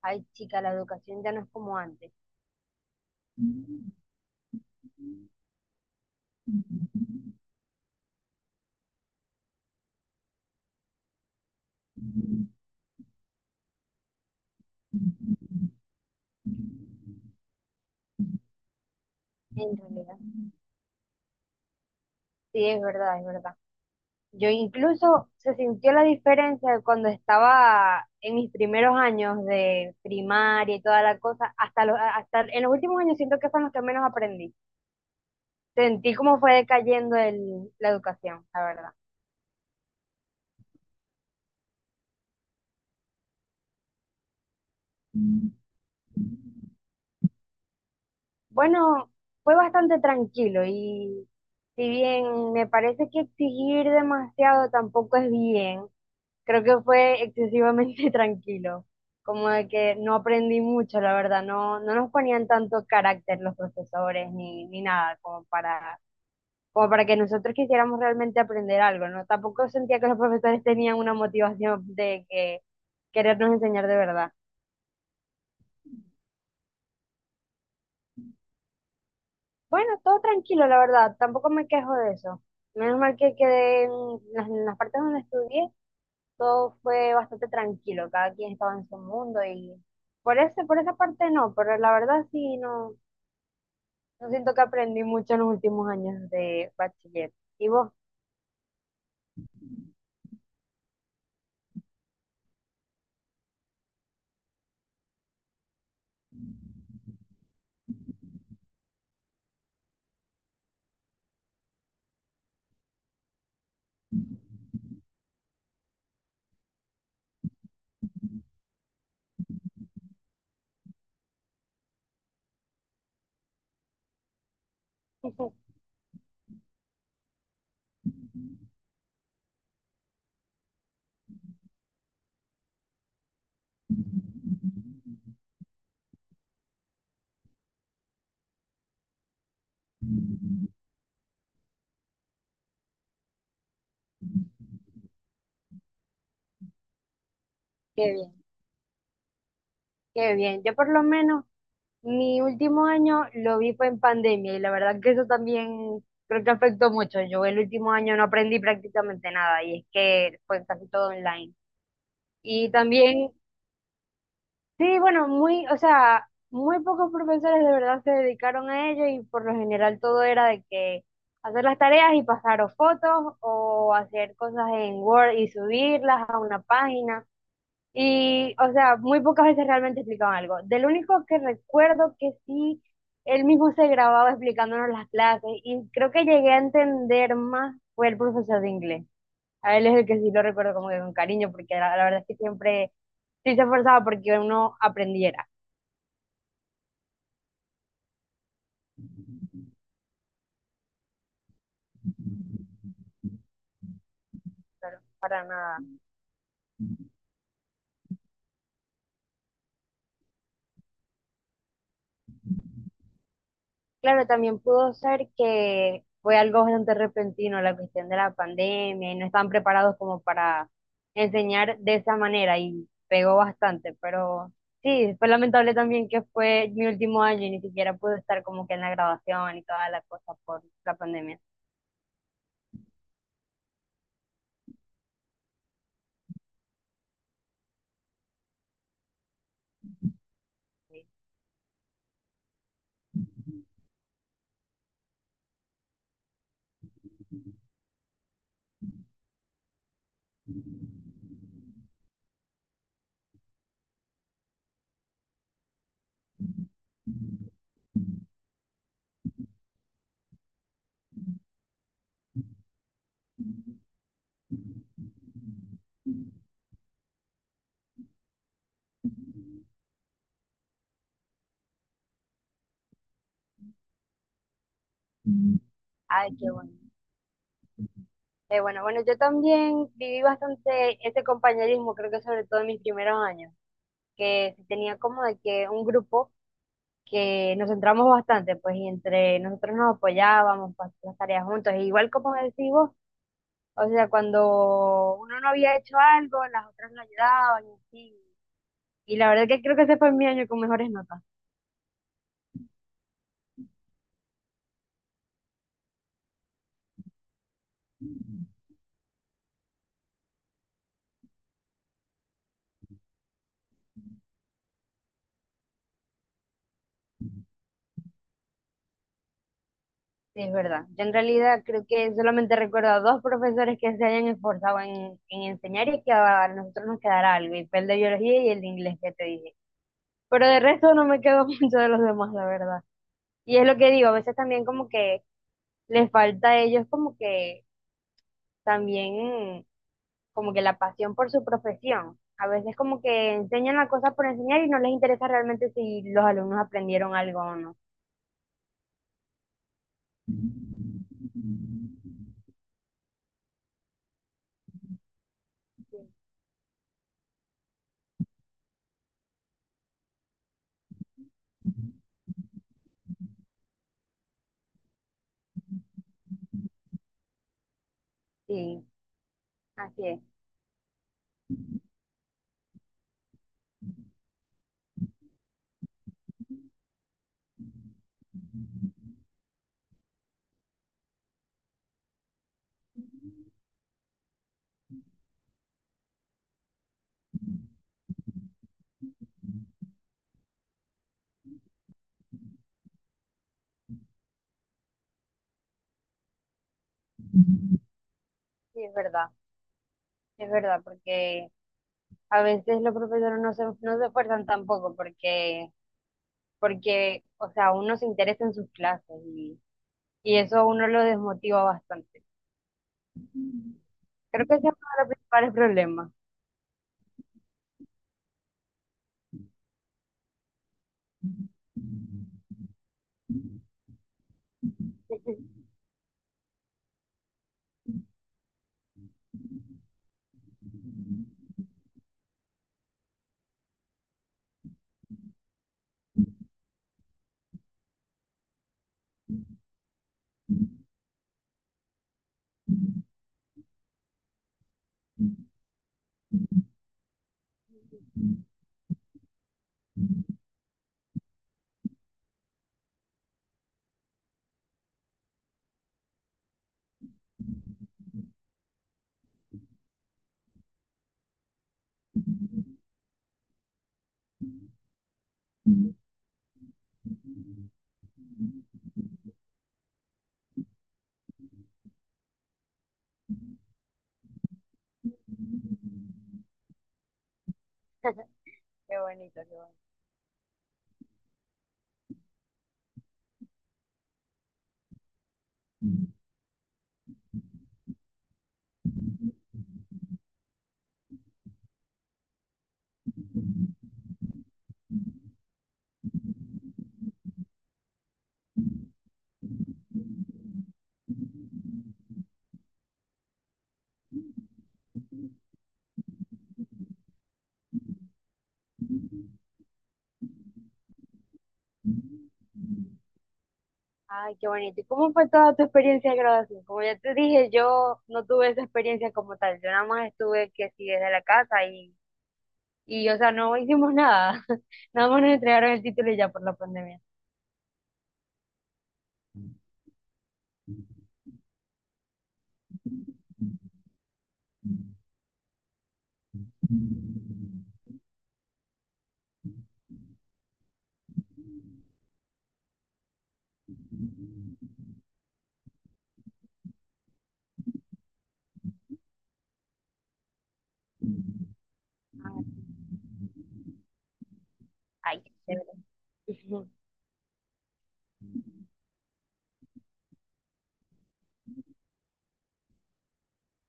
Ay, chica, la educación ya no es como antes, en realidad. Sí, es verdad, es verdad. Yo incluso se sintió la diferencia de cuando estaba en mis primeros años de primaria y toda la cosa, hasta, hasta en los últimos años siento que son los que menos aprendí. Sentí cómo fue decayendo la educación, la verdad. Bueno, fue bastante tranquilo y si bien me parece que exigir demasiado tampoco es bien, creo que fue excesivamente tranquilo, como de que no aprendí mucho, la verdad, no, no nos ponían tanto carácter los profesores ni nada, como para, como para que nosotros quisiéramos realmente aprender algo, ¿no? Tampoco sentía que los profesores tenían una motivación de que querernos enseñar de verdad. Bueno, todo tranquilo, la verdad, tampoco me quejo de eso. Menos mal que quedé en en las partes donde estudié, todo fue bastante tranquilo, cada quien estaba en su mundo y por esa parte no, pero la verdad sí, no, no siento que aprendí mucho en los últimos años de bachiller. ¿Y vos? Qué bien, qué bien. Yo por lo menos mi último año lo vi fue en pandemia y la verdad que eso también creo que afectó mucho. Yo el último año no aprendí prácticamente nada y es que fue casi todo online. Y también sí, bueno, muy, o sea, muy pocos profesores de verdad se dedicaron a ello y por lo general todo era de que hacer las tareas y pasar o fotos o hacer cosas en Word y subirlas a una página. Y, o sea, muy pocas veces realmente explicaban algo. Del único que recuerdo que sí, él mismo se grababa explicándonos las clases y creo que llegué a entender más fue el profesor de inglés. A él es el que sí lo recuerdo como que con cariño porque la verdad es que siempre sí se esforzaba porque uno aprendiera. Claro, para nada. Claro, también pudo ser que fue algo bastante repentino la cuestión de la pandemia y no estaban preparados como para enseñar de esa manera y pegó bastante, pero sí, fue lamentable también que fue mi último año y ni siquiera pude estar como que en la graduación y toda la cosa por la pandemia. Sí. Mm. Ay, qué bueno. Qué bueno, bueno, yo también viví bastante ese compañerismo, creo que sobre todo en mis primeros años, que sí tenía como de que un grupo que nos centramos bastante, pues, y entre nosotros nos apoyábamos para hacer las tareas juntos. E igual como decís vos, o sea, cuando uno no había hecho algo, las otras lo ayudaban y así. Y la verdad que creo que ese fue mi año con mejores notas, sí, es verdad. Yo en realidad creo que solamente recuerdo a dos profesores que se hayan esforzado en enseñar y que a nosotros nos quedara algo, y fue el de biología y el de inglés que te dije. Pero de resto no me quedo mucho de los demás, la verdad. Y es lo que digo, a veces también como que les falta a ellos como que también como que la pasión por su profesión. A veces como que enseñan la cosa por enseñar y no les interesa realmente si los alumnos aprendieron algo o no. Sí, así es, sí, es verdad, porque a veces los profesores no se esfuerzan tampoco porque, porque, o sea, uno se interesa en sus clases y eso a uno lo desmotiva bastante. Creo que ese es uno de los principales problemas. Qué bonito, qué bonito. Ay, qué bonito. ¿Y cómo fue toda tu experiencia de graduación? Como ya te dije, yo no tuve esa experiencia como tal. Yo nada más estuve que sí desde la casa y o sea, no hicimos nada. Nada más nos entregaron el título y ya por la pandemia. Ay, qué chévere.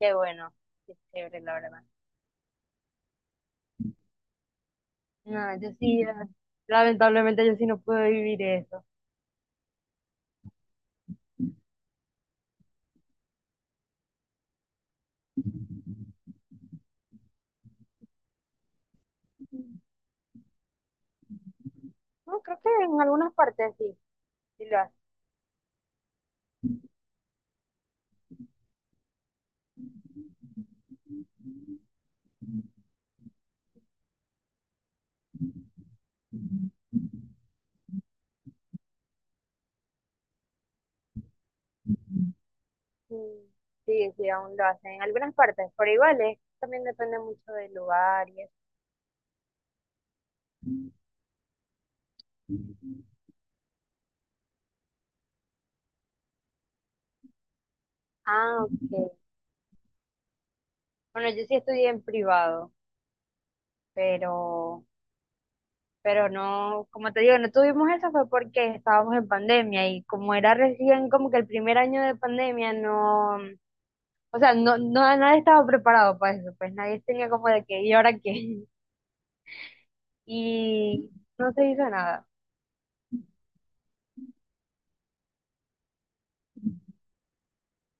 Qué bueno. Qué chévere, la verdad. No, yo sí, la- Lamentablemente yo sí no pude vivir eso. No, creo que en algunas partes sí, sí lo hacen. Sí, sí, sí, aún lo hacen. En algunas partes, pero igual es, también depende mucho del lugar y eso. Ah, ok. Bueno, yo sí estudié en privado, pero, pero no, como te digo, no tuvimos eso fue porque estábamos en pandemia y como era recién como que el primer año de pandemia, no, o sea, no, no, nadie estaba preparado para eso, pues nadie tenía como de que, ¿y ahora qué? Y no se hizo nada.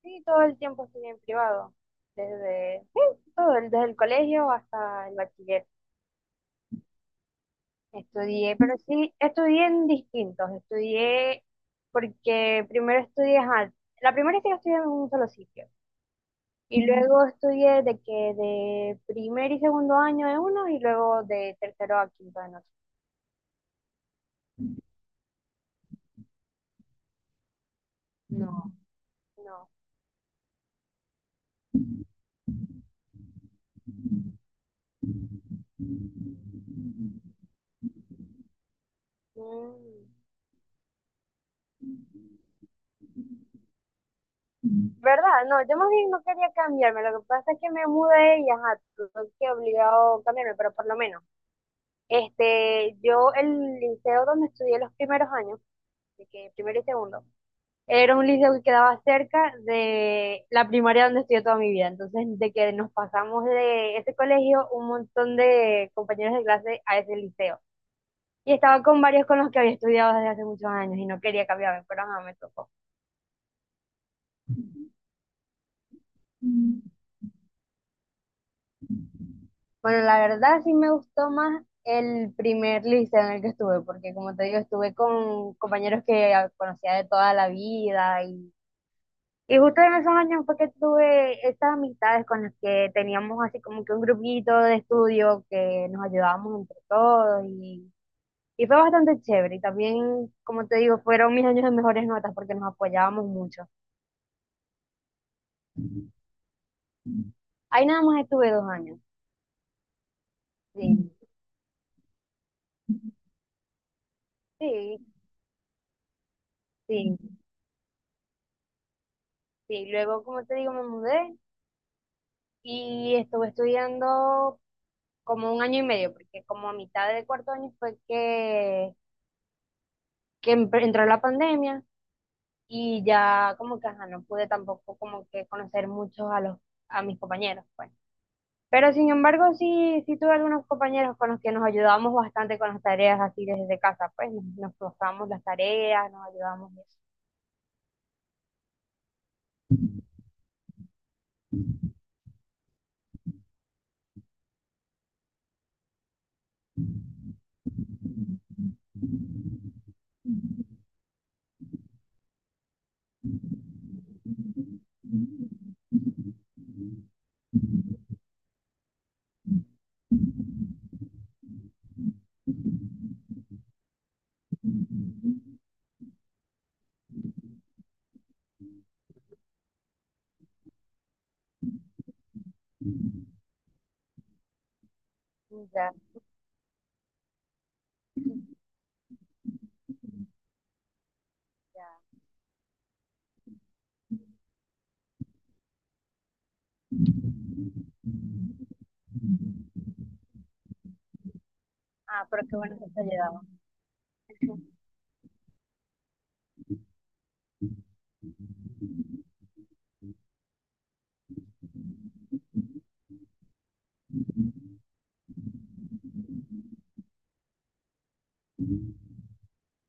Sí, todo el tiempo estudié en privado, desde, sí, todo, desde el colegio hasta el bachiller. Estudié, pero sí, estudié en distintos. Estudié porque primero estudié, ajá, la primera es que estudié en un solo sitio. Y luego estudié de primer y segundo año en uno y luego de tercero a quinto en otro. No. No. Mm. ¿Verdad? No, yo más bien no quería cambiarme. Lo que pasa es que me mudé y ajá, tuve que obligado a cambiarme, pero por lo menos. Este, yo el liceo donde estudié los primeros años, de que primero y segundo. Era un liceo que quedaba cerca de la primaria donde estudié toda mi vida. Entonces, de que nos pasamos de ese colegio, un montón de compañeros de clase a ese liceo. Y estaba con varios con los que había estudiado desde hace muchos años y no quería cambiarme, pero nada, me tocó. Bueno, la verdad sí me gustó más el primer liceo en el que estuve, porque como te digo, estuve con compañeros que conocía de toda la vida y justo en esos años fue que tuve estas amistades con las que teníamos así como que un grupito de estudio que nos ayudábamos entre todos y fue bastante chévere. Y también, como te digo, fueron mis años de mejores notas porque nos apoyábamos mucho. Ahí nada más estuve 2 años. Sí, sí, sí, sí. Luego, como te digo, me mudé y estuve estudiando como un año y medio porque como a mitad de cuarto año fue que entró la pandemia. Y ya como que ajá, no pude tampoco como que conocer muchos a los a mis compañeros, pues. Pero sin embargo, sí, sí tuve algunos compañeros con los que nos ayudábamos bastante con las tareas así desde casa, pues nos, nos pasábamos las tareas, nos ayudábamos y eso. Ya, ya. Ah, pero qué bueno que te ayudaban.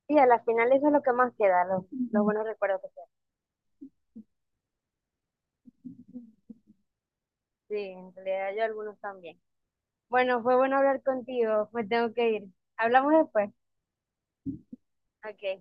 Sí, a la final eso es lo que más queda, los buenos recuerdos que quedan. Sí, en realidad yo algunos también. Bueno, fue bueno hablar contigo, me tengo que ir. Hablamos después. Ok.